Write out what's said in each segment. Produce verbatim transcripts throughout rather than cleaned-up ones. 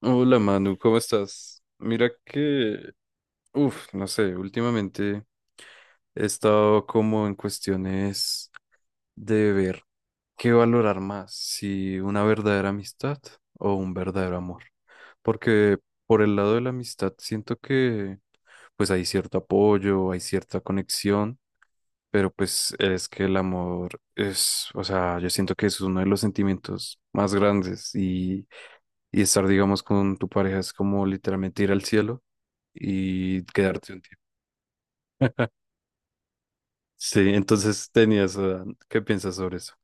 Hola Manu, ¿cómo estás? Mira que, uff, no sé, últimamente he estado como en cuestiones de ver qué valorar más, si una verdadera amistad o un verdadero amor. Porque por el lado de la amistad siento que pues hay cierto apoyo, hay cierta conexión, pero pues es que el amor es, o sea, yo siento que es uno de los sentimientos más grandes y, y estar, digamos, con tu pareja es como literalmente ir al cielo y quedarte un tiempo. Sí, entonces tenías, eh, ¿qué piensas sobre eso?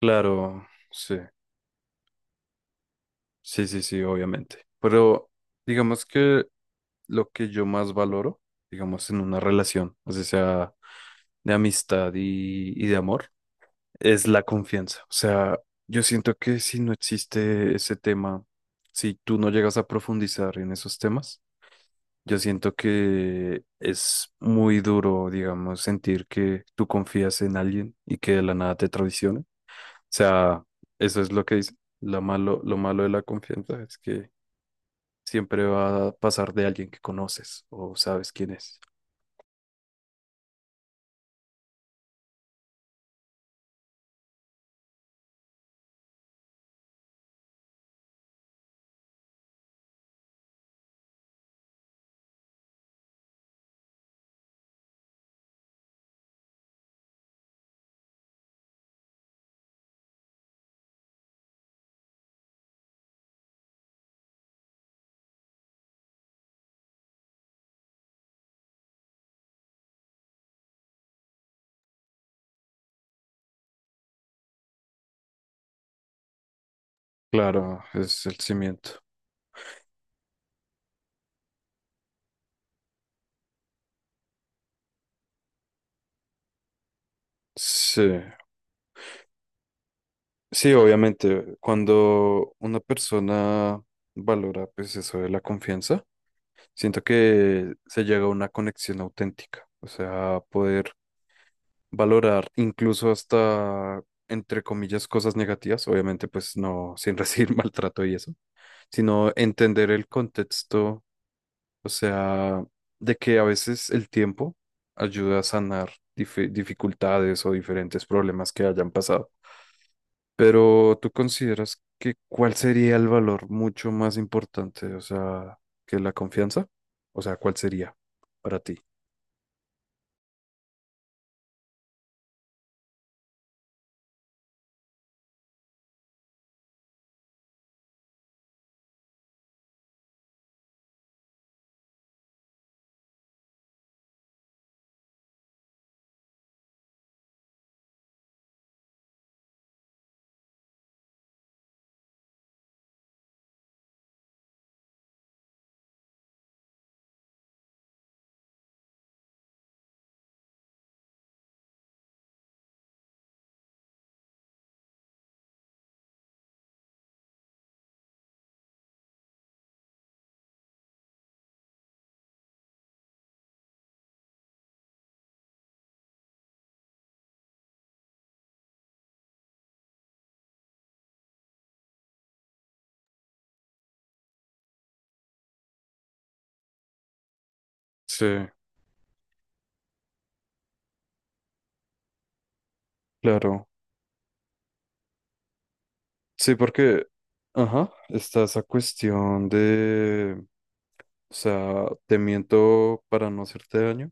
Claro, sí, sí, sí, sí, obviamente. Pero digamos que lo que yo más valoro, digamos, en una relación, así sea de amistad y, y de amor, es la confianza. O sea, yo siento que si no existe ese tema, si tú no llegas a profundizar en esos temas, yo siento que es muy duro, digamos, sentir que tú confías en alguien y que de la nada te traiciona. O sea, eso es lo que dice. Lo malo, lo malo de la confianza es que siempre va a pasar de alguien que conoces o sabes quién es. Claro, es el cimiento. Sí, sí, obviamente, cuando una persona valora, pues eso de la confianza, siento que se llega a una conexión auténtica. O sea, poder valorar incluso hasta, entre comillas, cosas negativas, obviamente pues no sin recibir maltrato y eso, sino entender el contexto, o sea, de que a veces el tiempo ayuda a sanar dif- dificultades o diferentes problemas que hayan pasado. Pero ¿tú consideras que cuál sería el valor mucho más importante, o sea, que la confianza? O sea, ¿cuál sería para ti? Sí, claro. Sí, porque, ajá, está esa cuestión de, o sea, te miento para no hacerte daño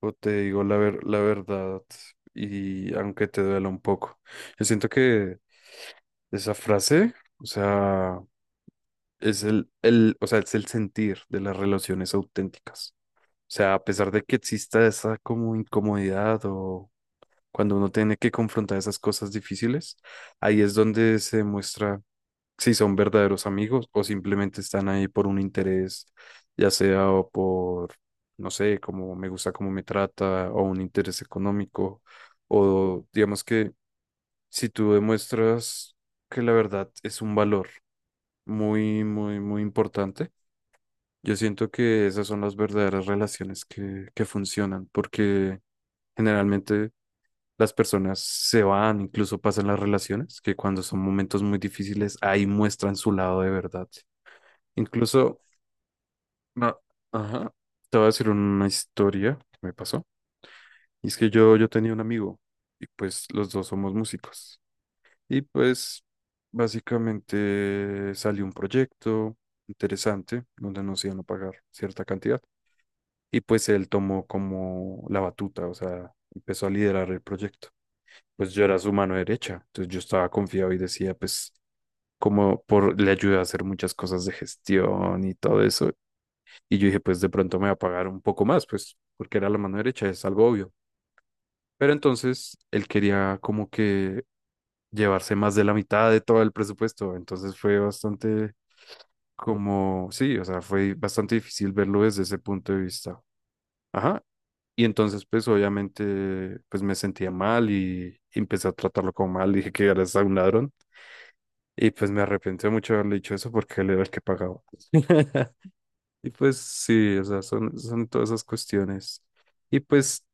o te digo la ver- la verdad y aunque te duela un poco. Yo siento que esa frase, o sea, es el, el, o sea, es el sentir de las relaciones auténticas. O sea, a pesar de que exista esa como incomodidad o cuando uno tiene que confrontar esas cosas difíciles, ahí es donde se muestra si son verdaderos amigos o simplemente están ahí por un interés, ya sea o por, no sé, como me gusta cómo me trata o un interés económico, o digamos que si tú demuestras que la verdad es un valor muy, muy, muy importante, yo siento que esas son las verdaderas relaciones que, que funcionan, porque generalmente... Las personas se van, incluso pasan las relaciones, que cuando son momentos muy difíciles, ahí muestran su lado de verdad. Incluso, no, ajá, te voy a decir una historia que me pasó. Y es que yo, yo tenía un amigo y pues los dos somos músicos. Y pues básicamente salió un proyecto interesante donde nos iban a pagar cierta cantidad. Y pues él tomó como la batuta, o sea, empezó a liderar el proyecto. Pues yo era su mano derecha, entonces yo estaba confiado y decía, pues como por le ayuda a hacer muchas cosas de gestión y todo eso. Y yo dije, pues de pronto me va a pagar un poco más, pues porque era la mano derecha, es algo obvio. Pero entonces él quería como que llevarse más de la mitad de todo el presupuesto. Entonces fue bastante como, sí, o sea, fue bastante difícil verlo desde ese punto de vista. Ajá. Y entonces pues obviamente pues me sentía mal y empecé a tratarlo como mal. Dije que eres un ladrón. Y pues me arrepentí mucho de haberle dicho eso porque él era el que pagaba. Y pues sí, o sea, son, son todas esas cuestiones. Y pues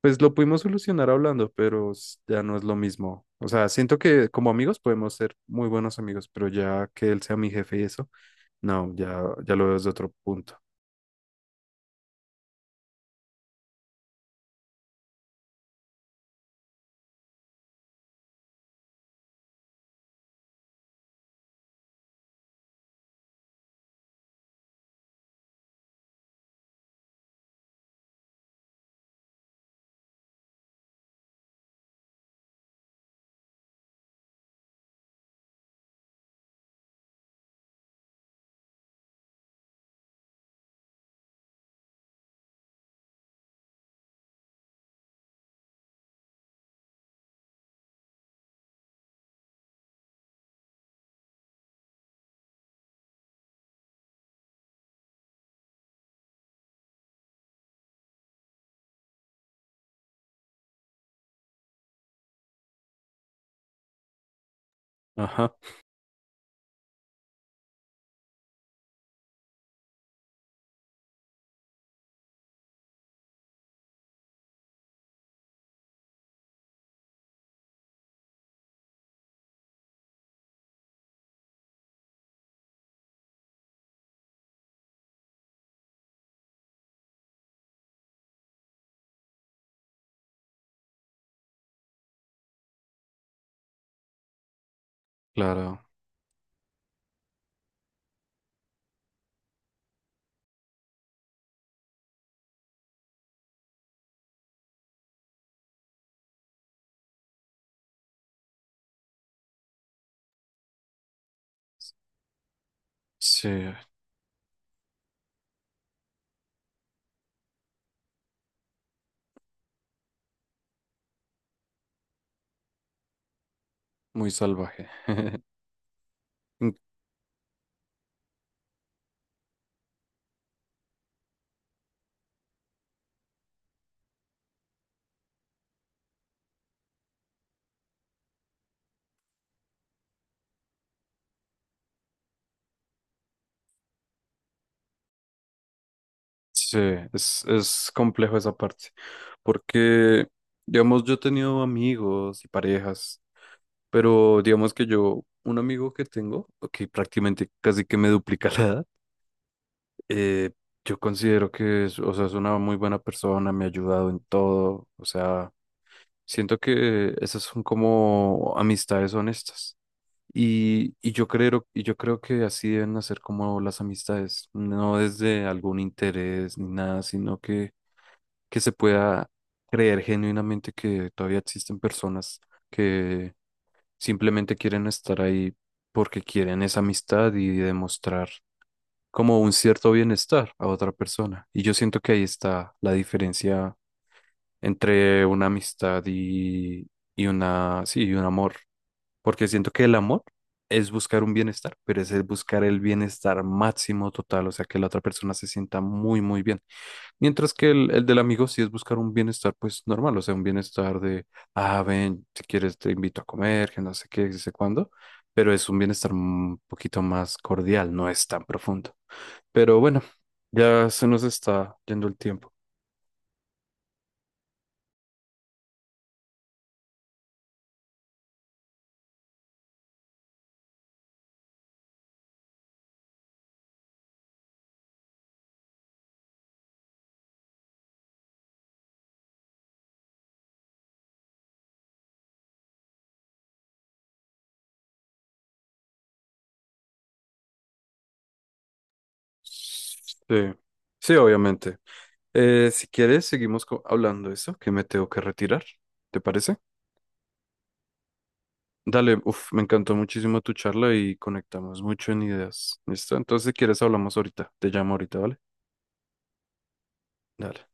pues lo pudimos solucionar hablando, pero s- ya no es lo mismo. O sea, siento que como amigos podemos ser muy buenos amigos, pero ya que él sea mi jefe y eso, no, ya, ya lo veo desde otro punto. Ajá, claro. Sí, muy salvaje. Mm, sí, es, es complejo esa parte, porque, digamos, yo he tenido amigos y parejas, pero digamos que yo, un amigo que tengo, que prácticamente casi que me duplica la edad, Eh, yo considero que es, o sea, es una muy buena persona, me ha ayudado en todo, o sea, siento que esas son como amistades honestas. Y, y yo creo, y yo creo que así deben hacer como las amistades, no desde algún interés ni nada, sino que, que se pueda creer genuinamente que todavía existen personas que simplemente quieren estar ahí porque quieren esa amistad y demostrar como un cierto bienestar a otra persona. Y yo siento que ahí está la diferencia entre una amistad y, y una, sí, y un amor. Porque siento que el amor es buscar un bienestar, pero es el buscar el bienestar máximo total, o sea, que la otra persona se sienta muy, muy bien. Mientras que el, el del amigo sí es buscar un bienestar, pues normal, o sea, un bienestar de, ah, ven, si quieres te invito a comer, que no sé qué, que no sé cuándo, pero es un bienestar un poquito más cordial, no es tan profundo. Pero bueno, ya se nos está yendo el tiempo. Sí, sí, obviamente. Eh, si quieres, seguimos co- hablando de eso, que me tengo que retirar. ¿Te parece? Dale, uf, me encantó muchísimo tu charla y conectamos mucho en ideas. ¿Listo? Entonces, si quieres, hablamos ahorita. Te llamo ahorita, ¿vale? Dale.